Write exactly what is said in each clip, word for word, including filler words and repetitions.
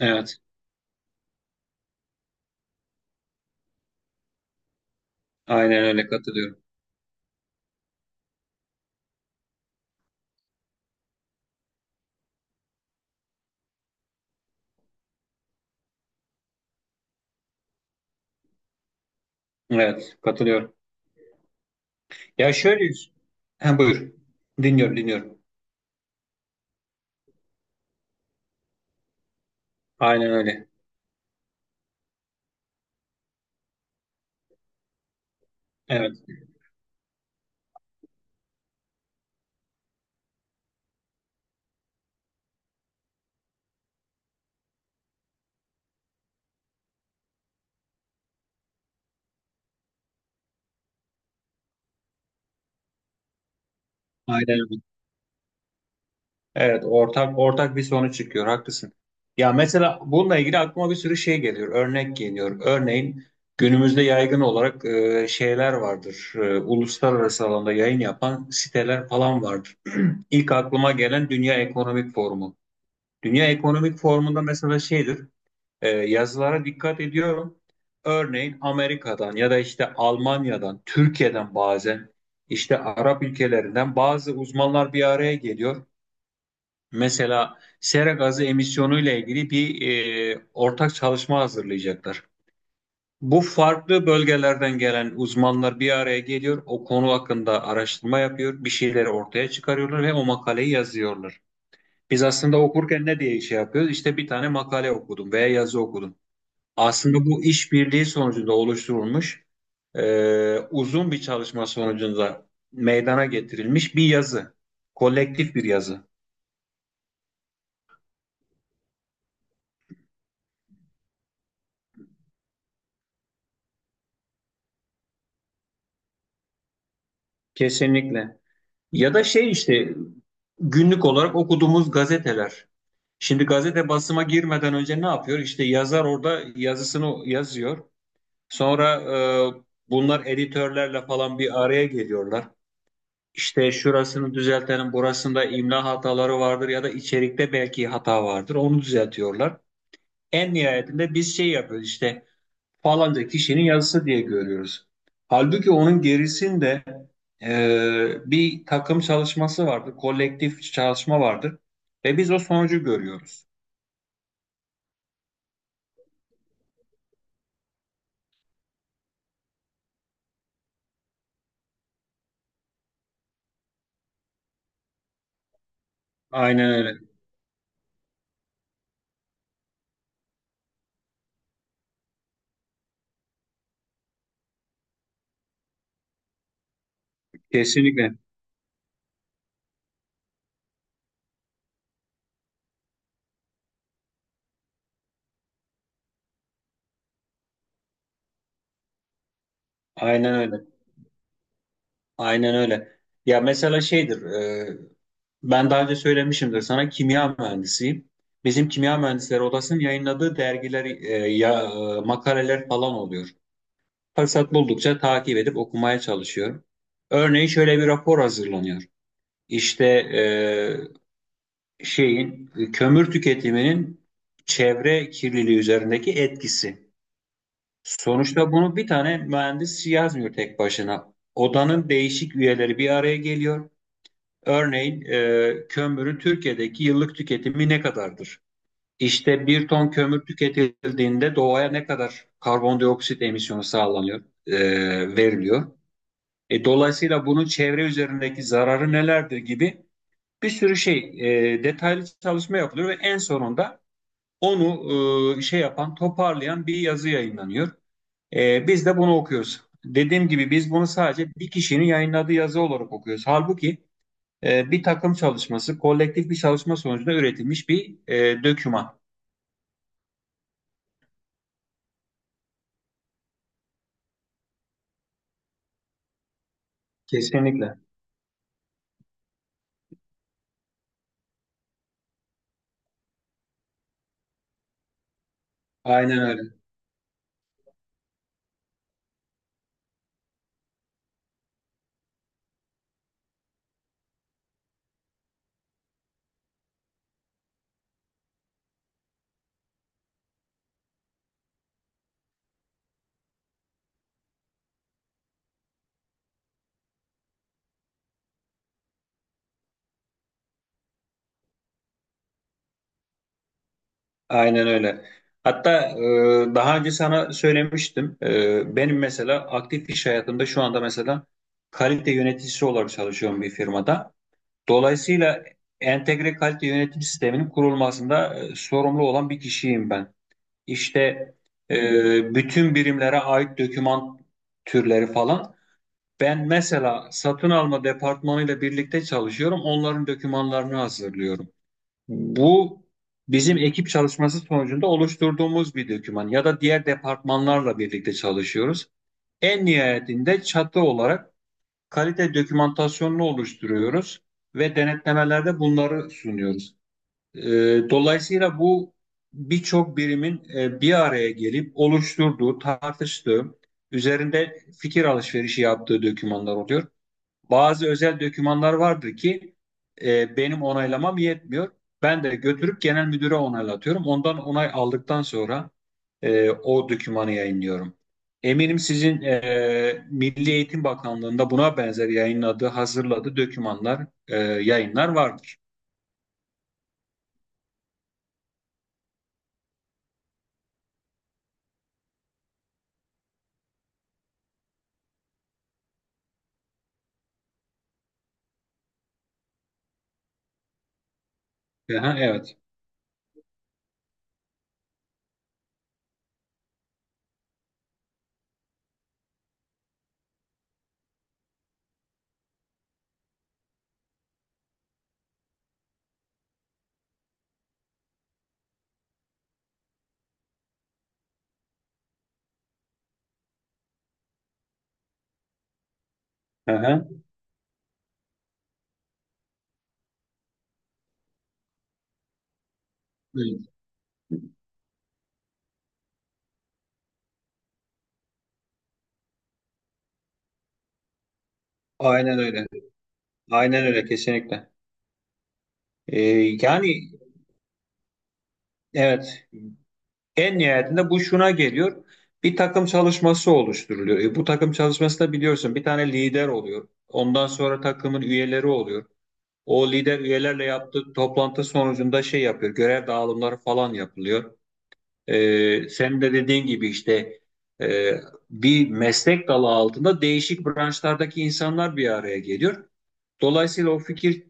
Evet, aynen öyle katılıyorum. Evet, katılıyorum. Ya şöyle, ha, buyur. Dinliyorum, dinliyorum. Aynen öyle. Evet, aynen öyle. Evet, ortak ortak bir sonuç çıkıyor. Haklısın. Ya mesela bununla ilgili aklıma bir sürü şey geliyor. Örnek geliyor. Örneğin günümüzde yaygın olarak e, şeyler vardır. E, uluslararası alanda yayın yapan siteler falan vardır. İlk aklıma gelen Dünya Ekonomik Forumu. Dünya Ekonomik Forumu'nda mesela şeydir. E, yazılara dikkat ediyorum. Örneğin Amerika'dan ya da işte Almanya'dan, Türkiye'den bazen işte Arap ülkelerinden bazı uzmanlar bir araya geliyor. Mesela sera gazı emisyonu ile ilgili bir e, ortak çalışma hazırlayacaklar. Bu farklı bölgelerden gelen uzmanlar bir araya geliyor, o konu hakkında araştırma yapıyor, bir şeyleri ortaya çıkarıyorlar ve o makaleyi yazıyorlar. Biz aslında okurken ne diye şey yapıyoruz? İşte bir tane makale okudum veya yazı okudum. Aslında bu işbirliği sonucunda oluşturulmuş e, uzun bir çalışma sonucunda meydana getirilmiş bir yazı. Kolektif bir yazı. Kesinlikle. Ya da şey işte günlük olarak okuduğumuz gazeteler. Şimdi gazete basıma girmeden önce ne yapıyor? İşte yazar orada yazısını yazıyor. Sonra e, bunlar editörlerle falan bir araya geliyorlar. İşte şurasını düzeltelim, burasında imla hataları vardır ya da içerikte belki hata vardır. Onu düzeltiyorlar. En nihayetinde biz şey yapıyoruz işte falanca kişinin yazısı diye görüyoruz. Halbuki onun gerisinde e, bir takım çalışması vardır, kolektif çalışma vardır ve biz o sonucu görüyoruz. Aynen öyle. Kesinlikle. Aynen öyle. Aynen öyle. Ya mesela şeydir, e, ben daha önce söylemişimdir sana kimya mühendisiyim. Bizim kimya mühendisleri odasının yayınladığı dergiler, e, ya e, makaleler falan oluyor. Fırsat buldukça takip edip okumaya çalışıyorum. Örneğin şöyle bir rapor hazırlanıyor. İşte e, şeyin e, kömür tüketiminin çevre kirliliği üzerindeki etkisi. Sonuçta bunu bir tane mühendis yazmıyor tek başına. Odanın değişik üyeleri bir araya geliyor. Örneğin e, kömürün Türkiye'deki yıllık tüketimi ne kadardır? İşte bir ton kömür tüketildiğinde doğaya ne kadar karbondioksit emisyonu sağlanıyor, e, veriliyor? E, dolayısıyla bunun çevre üzerindeki zararı nelerdir gibi bir sürü şey e, detaylı çalışma yapılıyor ve en sonunda onu e, şey yapan, toparlayan bir yazı yayınlanıyor. E, biz de bunu okuyoruz. Dediğim gibi biz bunu sadece bir kişinin yayınladığı yazı olarak okuyoruz. Halbuki e, bir takım çalışması, kolektif bir çalışma sonucunda üretilmiş bir e, döküman. Kesinlikle. Aynen öyle. Aynen öyle. Hatta e, daha önce sana söylemiştim. E, benim mesela aktif iş hayatımda şu anda mesela kalite yöneticisi olarak çalışıyorum bir firmada. Dolayısıyla entegre kalite yönetim sisteminin kurulmasında e, sorumlu olan bir kişiyim ben. İşte e, bütün birimlere ait doküman türleri falan. Ben mesela satın alma departmanıyla birlikte çalışıyorum. Onların dokümanlarını hazırlıyorum. Bu bizim ekip çalışması sonucunda oluşturduğumuz bir doküman ya da diğer departmanlarla birlikte çalışıyoruz. En nihayetinde çatı olarak kalite dokümantasyonunu oluşturuyoruz ve denetlemelerde bunları sunuyoruz. Ee, Dolayısıyla bu birçok birimin e, bir araya gelip oluşturduğu, tartıştığı, üzerinde fikir alışverişi yaptığı dokümanlar oluyor. Bazı özel dokümanlar vardır ki e, benim onaylamam yetmiyor. Ben de götürüp genel müdüre onaylatıyorum. Ondan onay aldıktan sonra e, o dokümanı yayınlıyorum. Eminim sizin e, Milli Eğitim Bakanlığı'nda buna benzer yayınladığı, hazırladığı dokümanlar, e, yayınlar vardır. Aha, evet. Aha. Evet. Aynen öyle. Aynen öyle, kesinlikle. E, Yani evet, en nihayetinde bu şuna geliyor. Bir takım çalışması oluşturuluyor. E, bu takım çalışmasında biliyorsun bir tane lider oluyor. Ondan sonra takımın üyeleri oluyor. O lider üyelerle yaptığı toplantı sonucunda şey yapıyor. Görev dağılımları falan yapılıyor. E, senin de dediğin gibi işte e, bir meslek dalı altında değişik branşlardaki insanlar bir araya geliyor. Dolayısıyla o fikir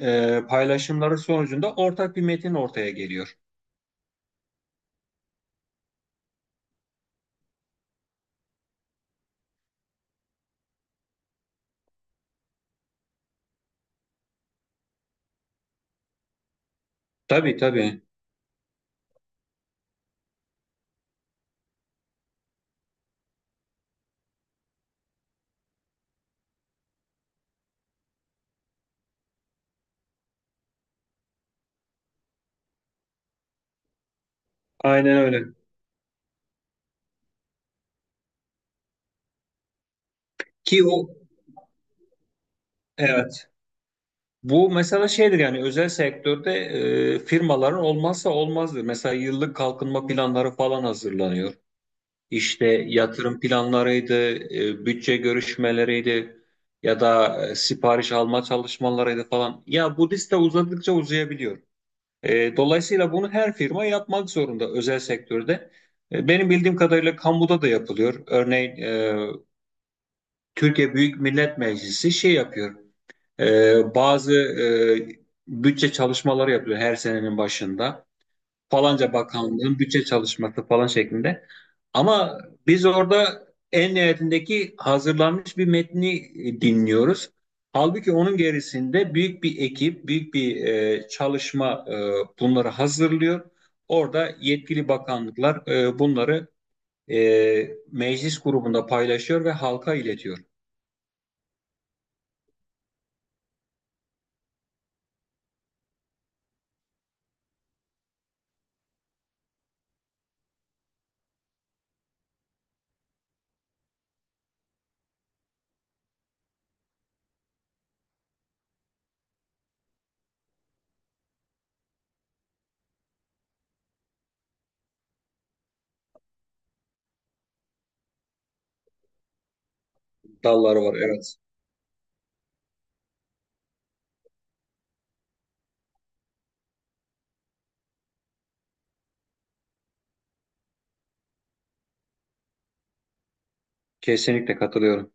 e, paylaşımları sonucunda ortak bir metin ortaya geliyor. Tabii tabii. Aynen öyle. Ki o evet. Bu mesela şeydir, yani özel sektörde e, firmaların olmazsa olmazdır. Mesela yıllık kalkınma planları falan hazırlanıyor. İşte yatırım planlarıydı, e, bütçe görüşmeleriydi ya da e, sipariş alma çalışmalarıydı falan. Ya bu liste uzadıkça uzayabiliyor. E, dolayısıyla bunu her firma yapmak zorunda özel sektörde. E, benim bildiğim kadarıyla kamuda da yapılıyor. Örneğin e, Türkiye Büyük Millet Meclisi şey yapıyor. Ee, bazı e, bütçe çalışmaları yapılıyor her senenin başında. Falanca bakanlığın bütçe çalışması falan şeklinde. Ama biz orada en nihayetindeki hazırlanmış bir metni e, dinliyoruz. Halbuki onun gerisinde büyük bir ekip, büyük bir e, çalışma e, bunları hazırlıyor. Orada yetkili bakanlıklar e, bunları e, meclis grubunda paylaşıyor ve halka iletiyor. Dalları var, evet. Kesinlikle katılıyorum.